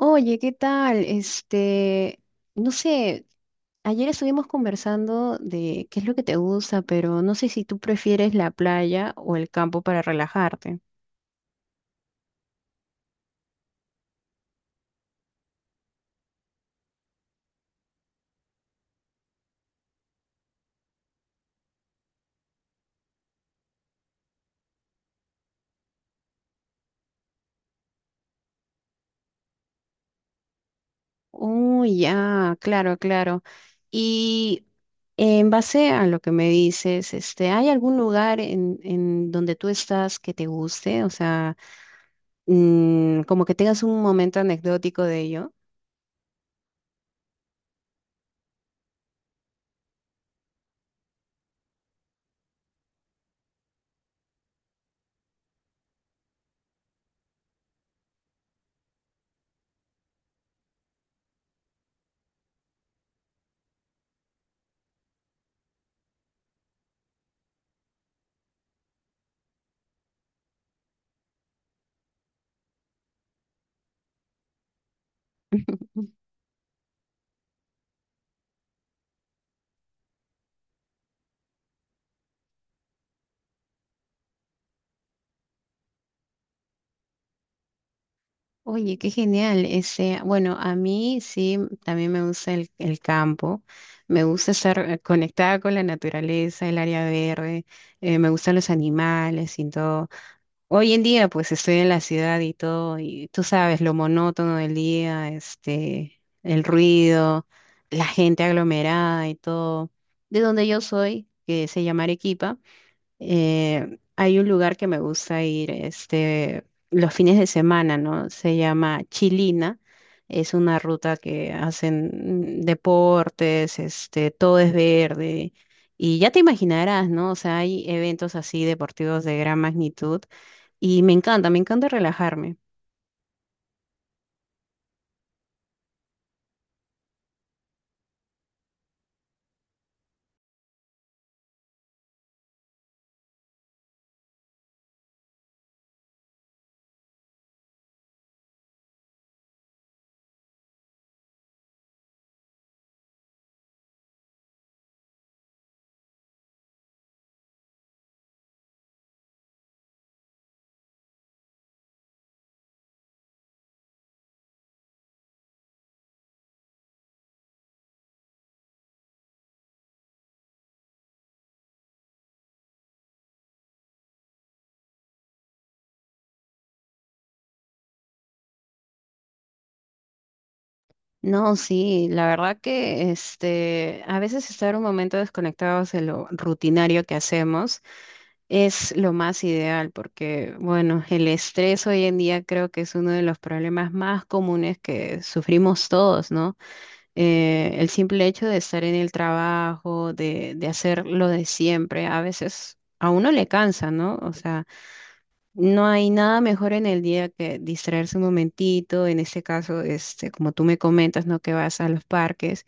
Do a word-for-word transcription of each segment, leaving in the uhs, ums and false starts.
Oye, ¿qué tal? Este, no sé, ayer estuvimos conversando de qué es lo que te gusta, pero no sé si tú prefieres la playa o el campo para relajarte. Oh, ya, claro, claro. Y en base a lo que me dices, este, ¿hay algún lugar en, en donde tú estás que te guste? O sea, mm, como que tengas un momento anecdótico de ello. Oye, qué genial. Ese, bueno, a mí sí, también me gusta el, el campo. Me gusta estar eh, conectada con la naturaleza, el área verde. eh, me gustan los animales y todo. Hoy en día, pues estoy en la ciudad y todo, y tú sabes, lo monótono del día, este, el ruido, la gente aglomerada y todo. De donde yo soy, que se llama Arequipa. Eh, hay un lugar que me gusta ir, este, los fines de semana, ¿no? Se llama Chilina. Es una ruta que hacen mm, deportes, este, todo es verde. Y ya te imaginarás, ¿no? O sea, hay eventos así deportivos de gran magnitud y me encanta, me encanta relajarme. No, sí, la verdad que este, a veces estar un momento desconectados de lo rutinario que hacemos. Es lo más ideal porque, bueno, el estrés hoy en día creo que es uno de los problemas más comunes que sufrimos todos, ¿no? Eh, el simple hecho de estar en el trabajo, de, de hacer lo de siempre, a veces a uno le cansa, ¿no? O sea, no hay nada mejor en el día que distraerse un momentito, en este caso, este, como tú me comentas, ¿no? Que vas a los parques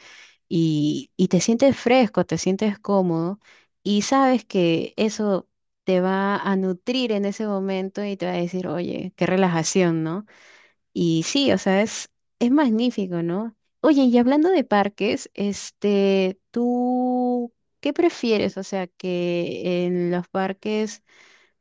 y, y te sientes fresco, te sientes cómodo y sabes que eso te va a nutrir en ese momento y te va a decir, oye, qué relajación, ¿no? Y sí, o sea, es, es magnífico, ¿no? Oye, y hablando de parques, este, ¿tú qué prefieres? O sea, que en los parques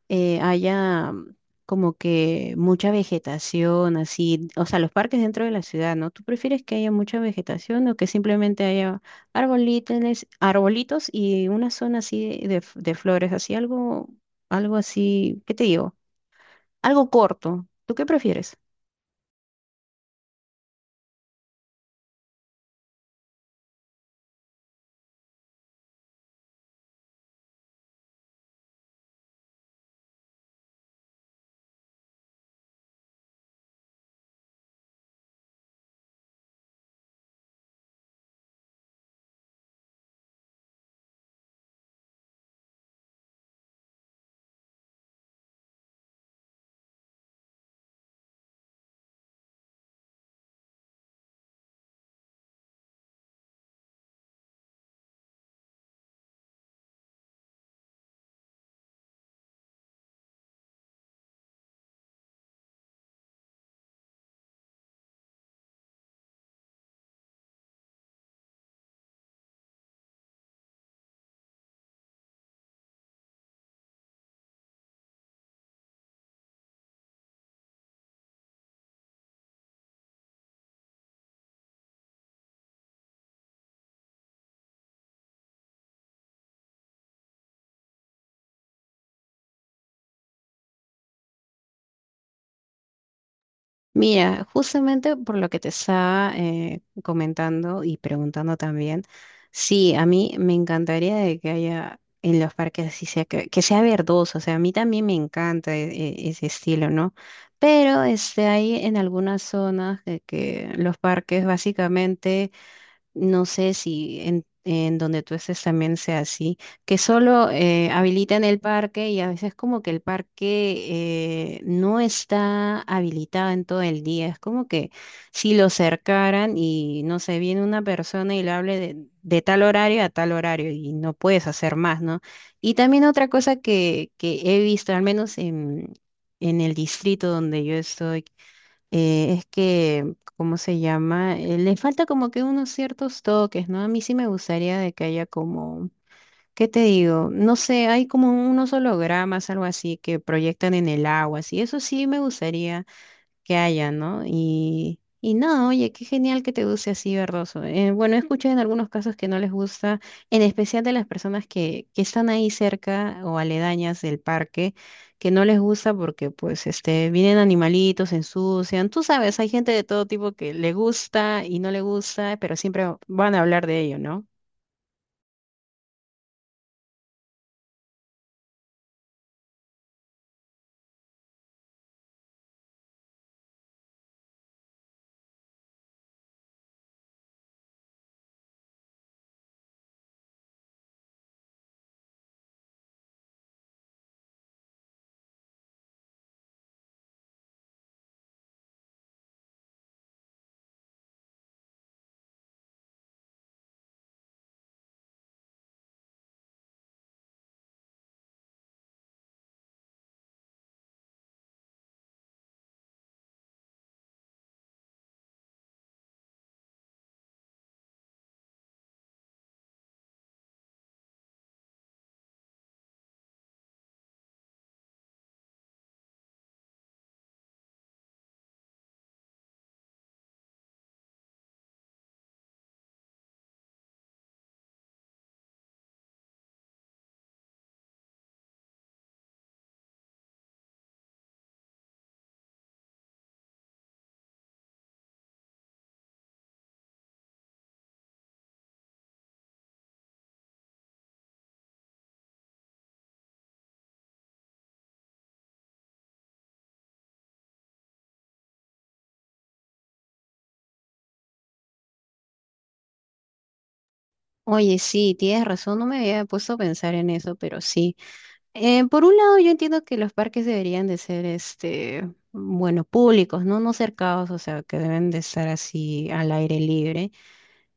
eh, haya mm, como que mucha vegetación, así, o sea, los parques dentro de la ciudad, ¿no? ¿Tú prefieres que haya mucha vegetación o que simplemente haya arbolitos, arbolitos y una zona así de, f- de flores, así algo, algo así, ¿qué te digo? Algo corto. ¿Tú qué prefieres? Mira, justamente por lo que te estaba eh, comentando y preguntando también, sí, a mí me encantaría de que haya en los parques así sea, que, que sea verdoso, o sea, a mí también me encanta e- e- ese estilo, ¿no? Pero este, hay en algunas zonas de que los parques básicamente no sé si en, en donde tú estés también sea así, que solo eh, habilitan el parque y a veces como que el parque eh, no está habilitado en todo el día. Es como que si lo cercaran y no sé, viene una persona y le hable de, de tal horario a tal horario y no puedes hacer más, ¿no? Y también otra cosa que, que he visto, al menos en, en el distrito donde yo estoy, eh, es que, ¿cómo se llama? Eh, le falta como que unos ciertos toques, ¿no? A mí sí me gustaría de que haya como, ¿qué te digo? No sé, hay como unos hologramas, algo así, que proyectan en el agua, así. Eso sí me gustaría que haya, ¿no? Y, y no, oye, qué genial que te guste así, verdoso. Eh, bueno, he escuchado en algunos casos que no les gusta, en especial de las personas que, que están ahí cerca o aledañas del parque, que no les gusta porque pues este, vienen animalitos, se ensucian. Tú sabes, hay gente de todo tipo que le gusta y no le gusta, pero siempre van a hablar de ello, ¿no? Oye, sí, tienes razón, no me había puesto a pensar en eso, pero sí. Eh, por un lado, yo entiendo que los parques deberían de ser, este, bueno, públicos, ¿no? No cercados, o sea, que deben de estar así al aire libre.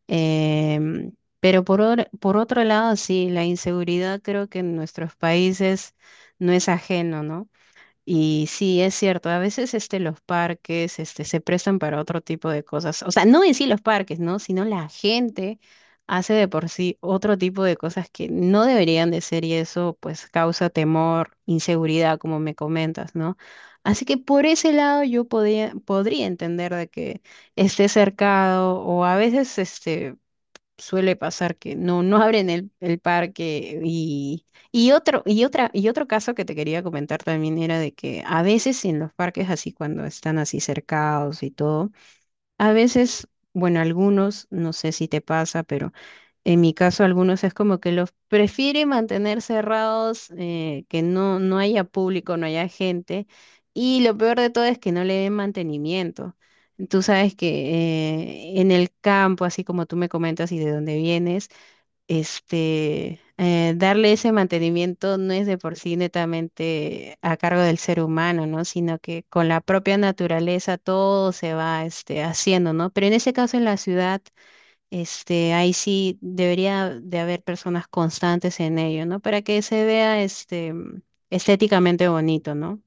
Em, pero por, or- por otro lado, sí, la inseguridad creo que en nuestros países no es ajeno, ¿no? Y sí, es cierto, a veces este, los parques este, se prestan para otro tipo de cosas. O sea, no en sí los parques, ¿no? Sino la gente hace de por sí otro tipo de cosas que no deberían de ser y eso pues causa temor, inseguridad, como me comentas, ¿no? Así que por ese lado yo podía- podría entender de que esté cercado o a veces, este, suele pasar que no, no abren el, el parque y, y otro, y otra, y otro caso que te quería comentar también era de que a veces en los parques así cuando están así cercados y todo, a veces, bueno, algunos, no sé si te pasa, pero en mi caso, algunos es como que los prefiere mantener cerrados, eh, que no, no haya público, no haya gente. Y lo peor de todo es que no le den mantenimiento. Tú sabes que eh, en el campo, así como tú me comentas y de dónde vienes, este, eh, darle ese mantenimiento no es de por sí netamente a cargo del ser humano, ¿no? Sino que con la propia naturaleza todo se va este, haciendo, ¿no? Pero en ese caso en la ciudad, este, ahí sí debería de haber personas constantes en ello, ¿no? Para que se vea este estéticamente bonito, ¿no?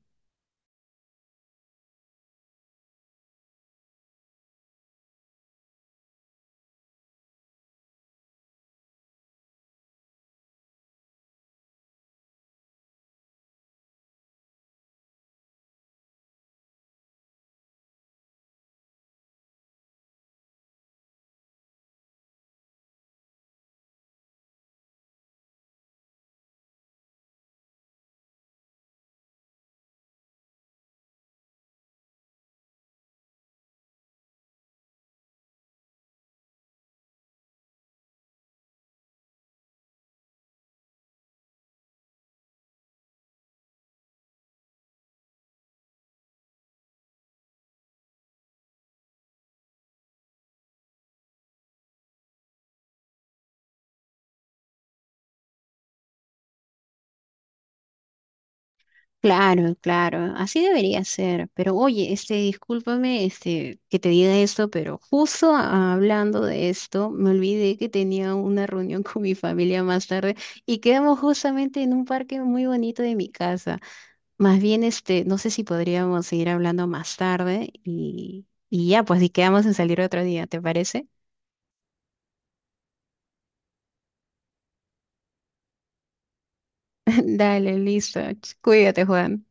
Claro, claro, así debería ser. Pero oye, este, discúlpame, este, que te diga esto, pero justo a- hablando de esto, me olvidé que tenía una reunión con mi familia más tarde y quedamos justamente en un parque muy bonito de mi casa. Más bien, este, no sé si podríamos seguir hablando más tarde y, y ya, pues, y quedamos en salir otro día, ¿te parece? Dale, listo. Ch- Cuídate, Juan.